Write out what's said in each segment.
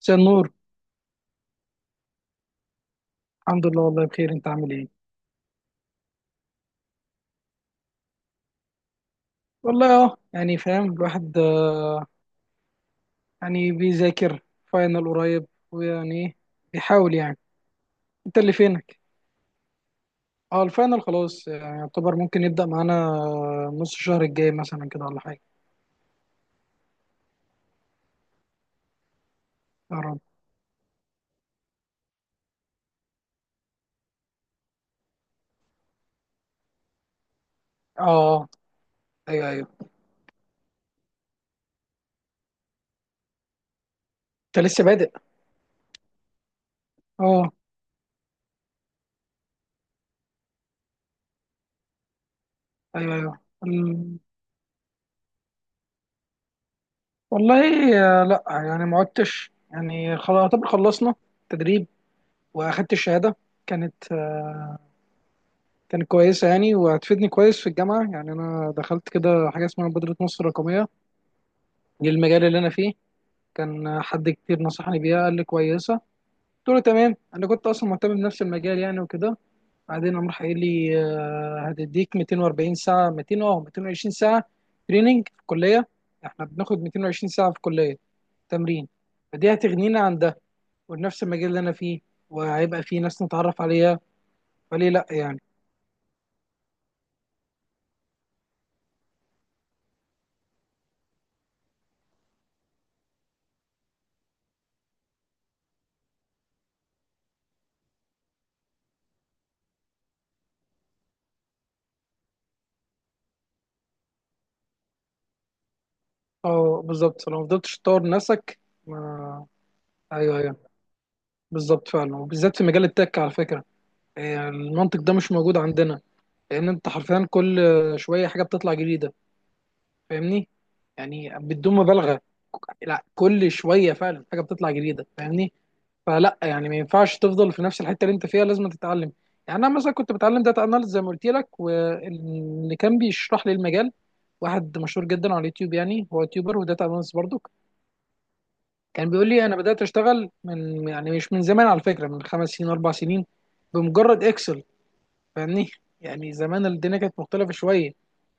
مساء النور. الحمد لله، والله بخير. انت عامل ايه؟ والله اه، يعني فاهم الواحد، يعني بيذاكر. فاينل قريب، ويعني ايه، بيحاول يعني. انت اللي فينك. اه الفاينل خلاص، يعني يعتبر ممكن يبدأ معانا نص الشهر الجاي مثلا كده ولا حاجة. يا رب. اه ايوه ايوه، انت لسه بادئ. اه ايوه ايوه. والله، لا يعني ما عدتش، يعني خلاص يعتبر خلصنا تدريب. واخدت الشهادة، كانت كانت كويسة يعني، وهتفيدني كويس في الجامعة. يعني أنا دخلت كده حاجة اسمها مبادرة مصر الرقمية، دي المجال اللي أنا فيه. كان حد كتير نصحني بيها، قال لي كويسة. قلت له تمام، أنا كنت أصلا مهتم بنفس المجال يعني وكده. بعدين قام راح قايل لي هتديك 240 ساعة، 200 أه 220 ساعة تريننج في الكلية. إحنا بناخد 220 ساعة في الكلية تمرين، فدي هتغنينا عن ده. ونفس المجال اللي أنا فيه، وهيبقى فيه ناس نتعرف عليها. فليه لأ يعني. أه بالظبط، لو مفضلتش تطور نفسك. ما ايوه ايوه، بالظبط فعلا، وبالذات في مجال التك على فكره. المنطق ده مش موجود عندنا. لان انت حرفيا كل شويه حاجه بتطلع جديده، فاهمني؟ يعني بدون مبالغه، لا كل شويه فعلا حاجه بتطلع جديده، فاهمني؟ فلا يعني ما ينفعش تفضل في نفس الحته اللي انت فيها، لازم تتعلم. يعني انا مثلا كنت بتعلم داتا اناليز زي ما قلت لك، واللي كان بيشرح لي المجال واحد مشهور جدا على اليوتيوب، يعني هو يوتيوبر وداتا اناليست برضه. كان بيقول لي انا بدات اشتغل من، يعني مش من زمان على فكره، من 5 سنين 4 سنين بمجرد اكسل، فاهمني؟ يعني زمان الدنيا كانت مختلفه شويه،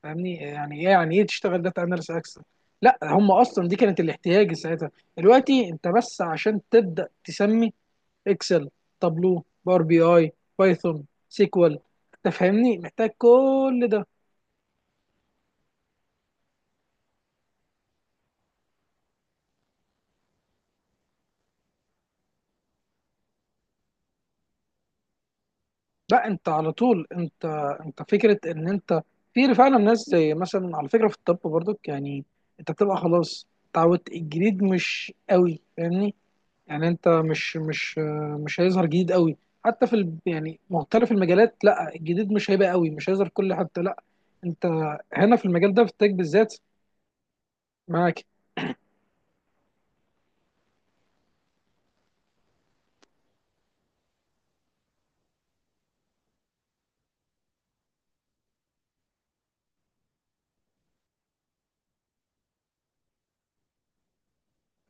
فاهمني يعني ايه، يعني ايه تشتغل داتا اناليس اكسل؟ لا هم اصلا دي كانت الاحتياج ساعتها. دلوقتي انت بس عشان تبدا تسمي اكسل، تابلو، باور بي اي، بايثون، سيكوال، تفهمني محتاج كل ده. لا انت على طول، انت فكره ان انت، في فعلا ناس زي مثلا على فكره في الطب برضك يعني، انت بتبقى خلاص اتعودت الجديد مش قوي، فاهمني؟ يعني انت مش مش هيظهر جديد قوي، حتى يعني مختلف المجالات، لا الجديد مش هيبقى قوي، مش هيظهر في كل حته. لا انت هنا في المجال ده في التك بالذات. معاك.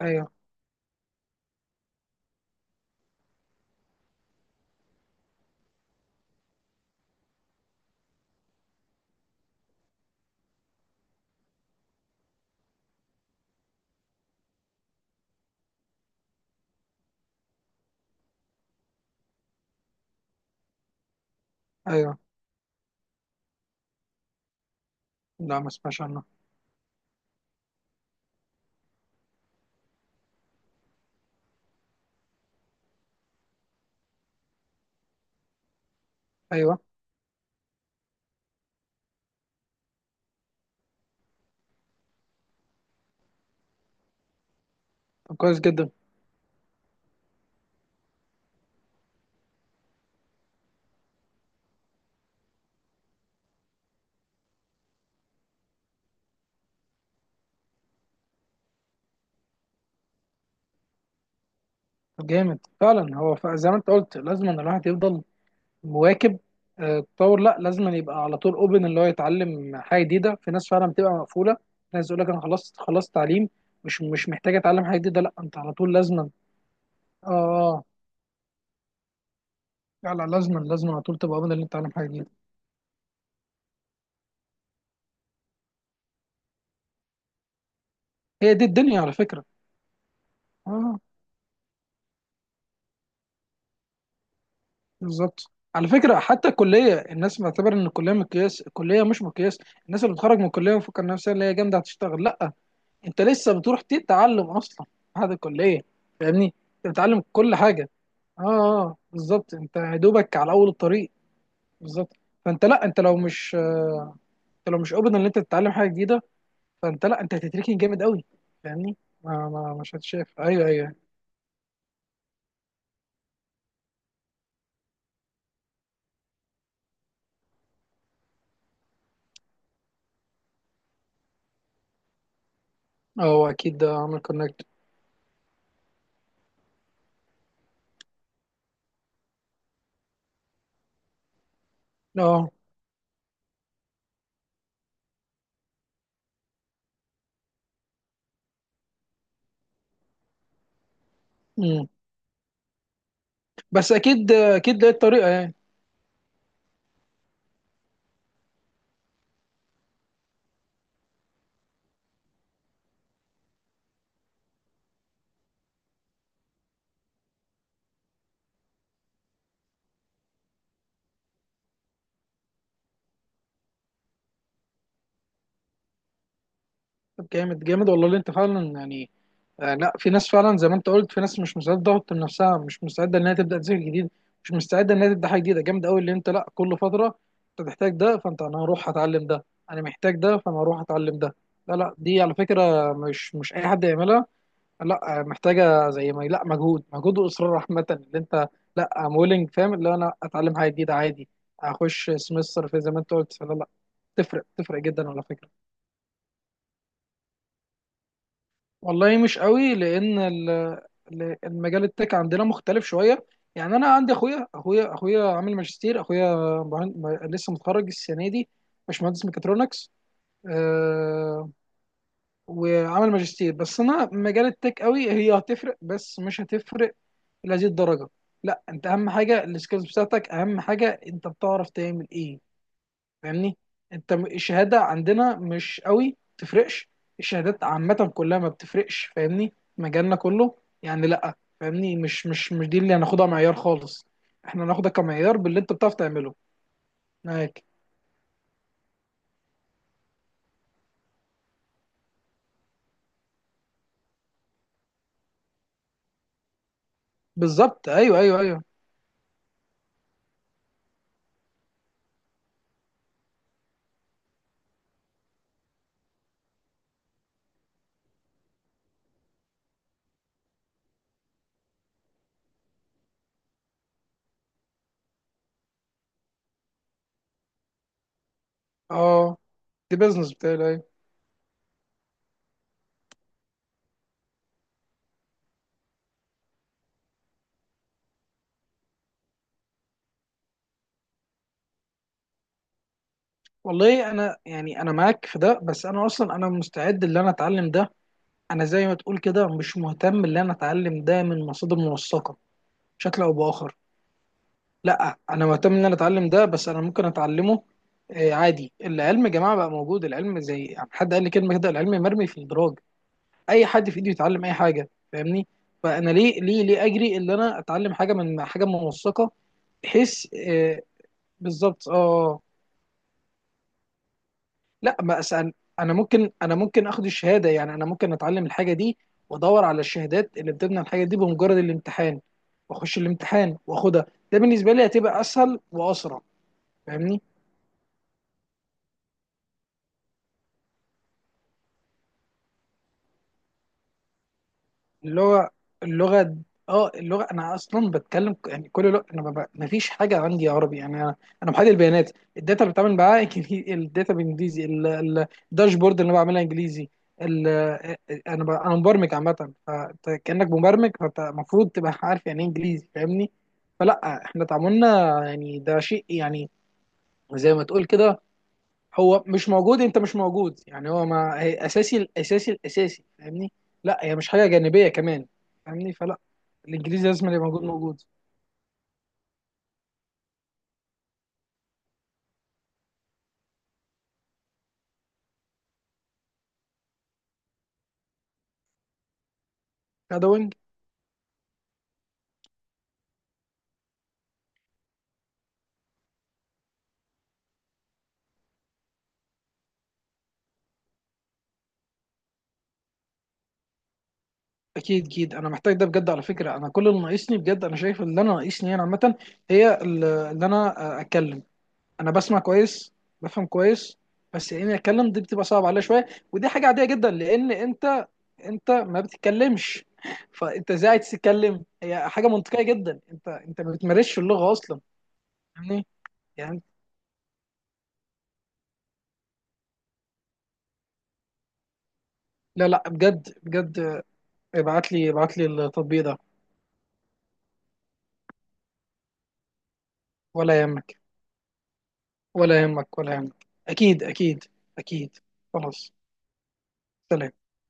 ايوه ايوه. لا ما اسمعش عنه. ايوه. طب كويس جدا. طب جامد فعلا. هو زي ما انت قلت لازم ان الواحد يفضل مواكب التطور. لا لازم أن يبقى على طول اوبن، اللي هو يتعلم حاجه جديده. في ناس فعلا بتبقى مقفوله، ناس يقول لك انا خلصت خلصت تعليم، مش محتاج اتعلم حاجه جديده. لا انت على طول لازما. اه اه. لا لا، لازما لازما على طول تبقى اوبن اللي انت تتعلم حاجه جديده. هي دي الدنيا على فكره. اه بالظبط على فكره. حتى الكليه الناس معتبر ان الكليه مقياس، الكليه مش مقياس. الناس اللي بتخرج من الكليه ومفكر نفسها اللي هي جامده هتشتغل، لا انت لسه بتروح تتعلم اصلا بعد الكليه، فاهمني؟ انت بتتعلم كل حاجه. اه اه بالظبط، انت يا دوبك على اول الطريق. بالظبط. فانت لا، انت لو مش انت لو مش اوبن ان انت تتعلم حاجه جديده، فانت لا انت هتتركن جامد قوي، فاهمني؟ ما مش هتشاف. ايوه ايوه. اه هو اكيد ده عمل كونكت. اه. مم. بس اكيد اكيد لقيت طريقه. طب جامد جامد، والله اللي انت فعلا يعني. آه لا، في ناس فعلا زي ما انت قلت، في ناس مش مستعده تضغط من نفسها، مش مستعده انها تبدا تذاكر جديد، مش مستعده انها تبدا حاجه جديده. جامد قوي اللي انت. لا كل فتره انت تحتاج ده، فانت انا هروح اتعلم ده، انا محتاج ده فانا هروح اتعلم ده. لا لا، دي على فكره مش اي حد يعملها. لا محتاجه زي ما، لا مجهود مجهود واصرار عامه اللي انت. لا ام ويلنج، فاهم، اللي انا اتعلم حاجه جديده عادي. اخش سمستر في زي ما انت قلت. لا لا، تفرق تفرق جدا على فكره. والله مش قوي لان المجال التك عندنا مختلف شويه. يعني انا عندي اخويا اخويا اخويا عامل ماجستير. اخويا لسه متخرج السنه دي، مش مهندس ميكاترونكس. أه. وعامل ماجستير، بس انا مجال التك قوي هي هتفرق بس مش هتفرق لهذه الدرجه. لا انت اهم حاجه السكيلز بتاعتك، اهم حاجه انت بتعرف تعمل ايه، فاهمني؟ انت الشهاده عندنا مش قوي تفرقش. الشهادات عامه كلها ما بتفرقش، فاهمني؟ مجالنا كله. يعني لا فاهمني، مش مش دي اللي هناخدها معيار خالص. احنا هناخدها كمعيار باللي انت بتعرف تعمله. معاك. بالظبط ايوه ايوه ايوه. اه دي بيزنس بتاعي، ايوه. والله انا يعني انا معاك في ده، بس انا اصلا انا مستعد ان انا اتعلم ده. انا زي ما تقول كده مش مهتم ان انا اتعلم ده من مصادر موثقه، بشكل او باخر. لا انا مهتم ان انا اتعلم ده، بس انا ممكن اتعلمه. عادي، العلم يا جماعه بقى موجود. العلم زي، يعني حد قال لي كلمه كده، العلم مرمي في الدراج، اي حد في ايده يتعلم اي حاجه، فاهمني؟ فانا ليه ليه ليه اجري ان انا اتعلم حاجه من حاجه موثقه، بحيث بالظبط اه. لا ما اسال. انا ممكن اخد الشهاده، يعني انا ممكن اتعلم الحاجه دي، وادور على الشهادات اللي بتبنى الحاجه دي، بمجرد الامتحان واخش الامتحان واخدها. ده بالنسبه لي هتبقى اسهل واسرع، فاهمني؟ اللغة، اللغة. اه اللغة، انا اصلا بتكلم يعني كل لغة انا ببقى ما فيش حاجة عندي، عربي يعني انا، انا محلل البيانات، الداتا اللي بتعامل معاها الداتا بالانجليزي، الداشبورد اللي انا بعملها انجليزي، ال- انا انا مبرمج عامة، فانت كأنك مبرمج، فانت المفروض تبقى عارف يعني ايه انجليزي، فاهمني؟ فلا احنا تعاملنا يعني ده شيء يعني زي ما تقول كده، هو مش موجود. انت مش موجود يعني، هو ما هي اساسي، الاساسي الاساسي، فاهمني؟ لا هي مش حاجه جانبيه كمان، فاهمني؟ فلا الانجليزي لازم، اللي موجود موجود. لا ده وينج. اكيد اكيد، انا محتاج ده بجد على فكره. انا كل اللي ناقصني بجد، انا شايف اللي انا ناقصني انا عامه، هي اللي انا اتكلم. انا بسمع كويس، بفهم كويس، بس اني اتكلم دي بتبقى صعب عليا شويه. ودي حاجه عاديه جدا، لان انت، انت ما بتتكلمش فانت ازاي عايز تتكلم؟ هي حاجه منطقيه جدا، انت ما بتمارسش اللغه اصلا، فاهمني؟ يعني. لا لا بجد بجد، ابعت لي ابعت لي التطبيق ده. ولا يهمك ولا يهمك ولا يهمك، اكيد اكيد. اكيد. خلاص. سلام.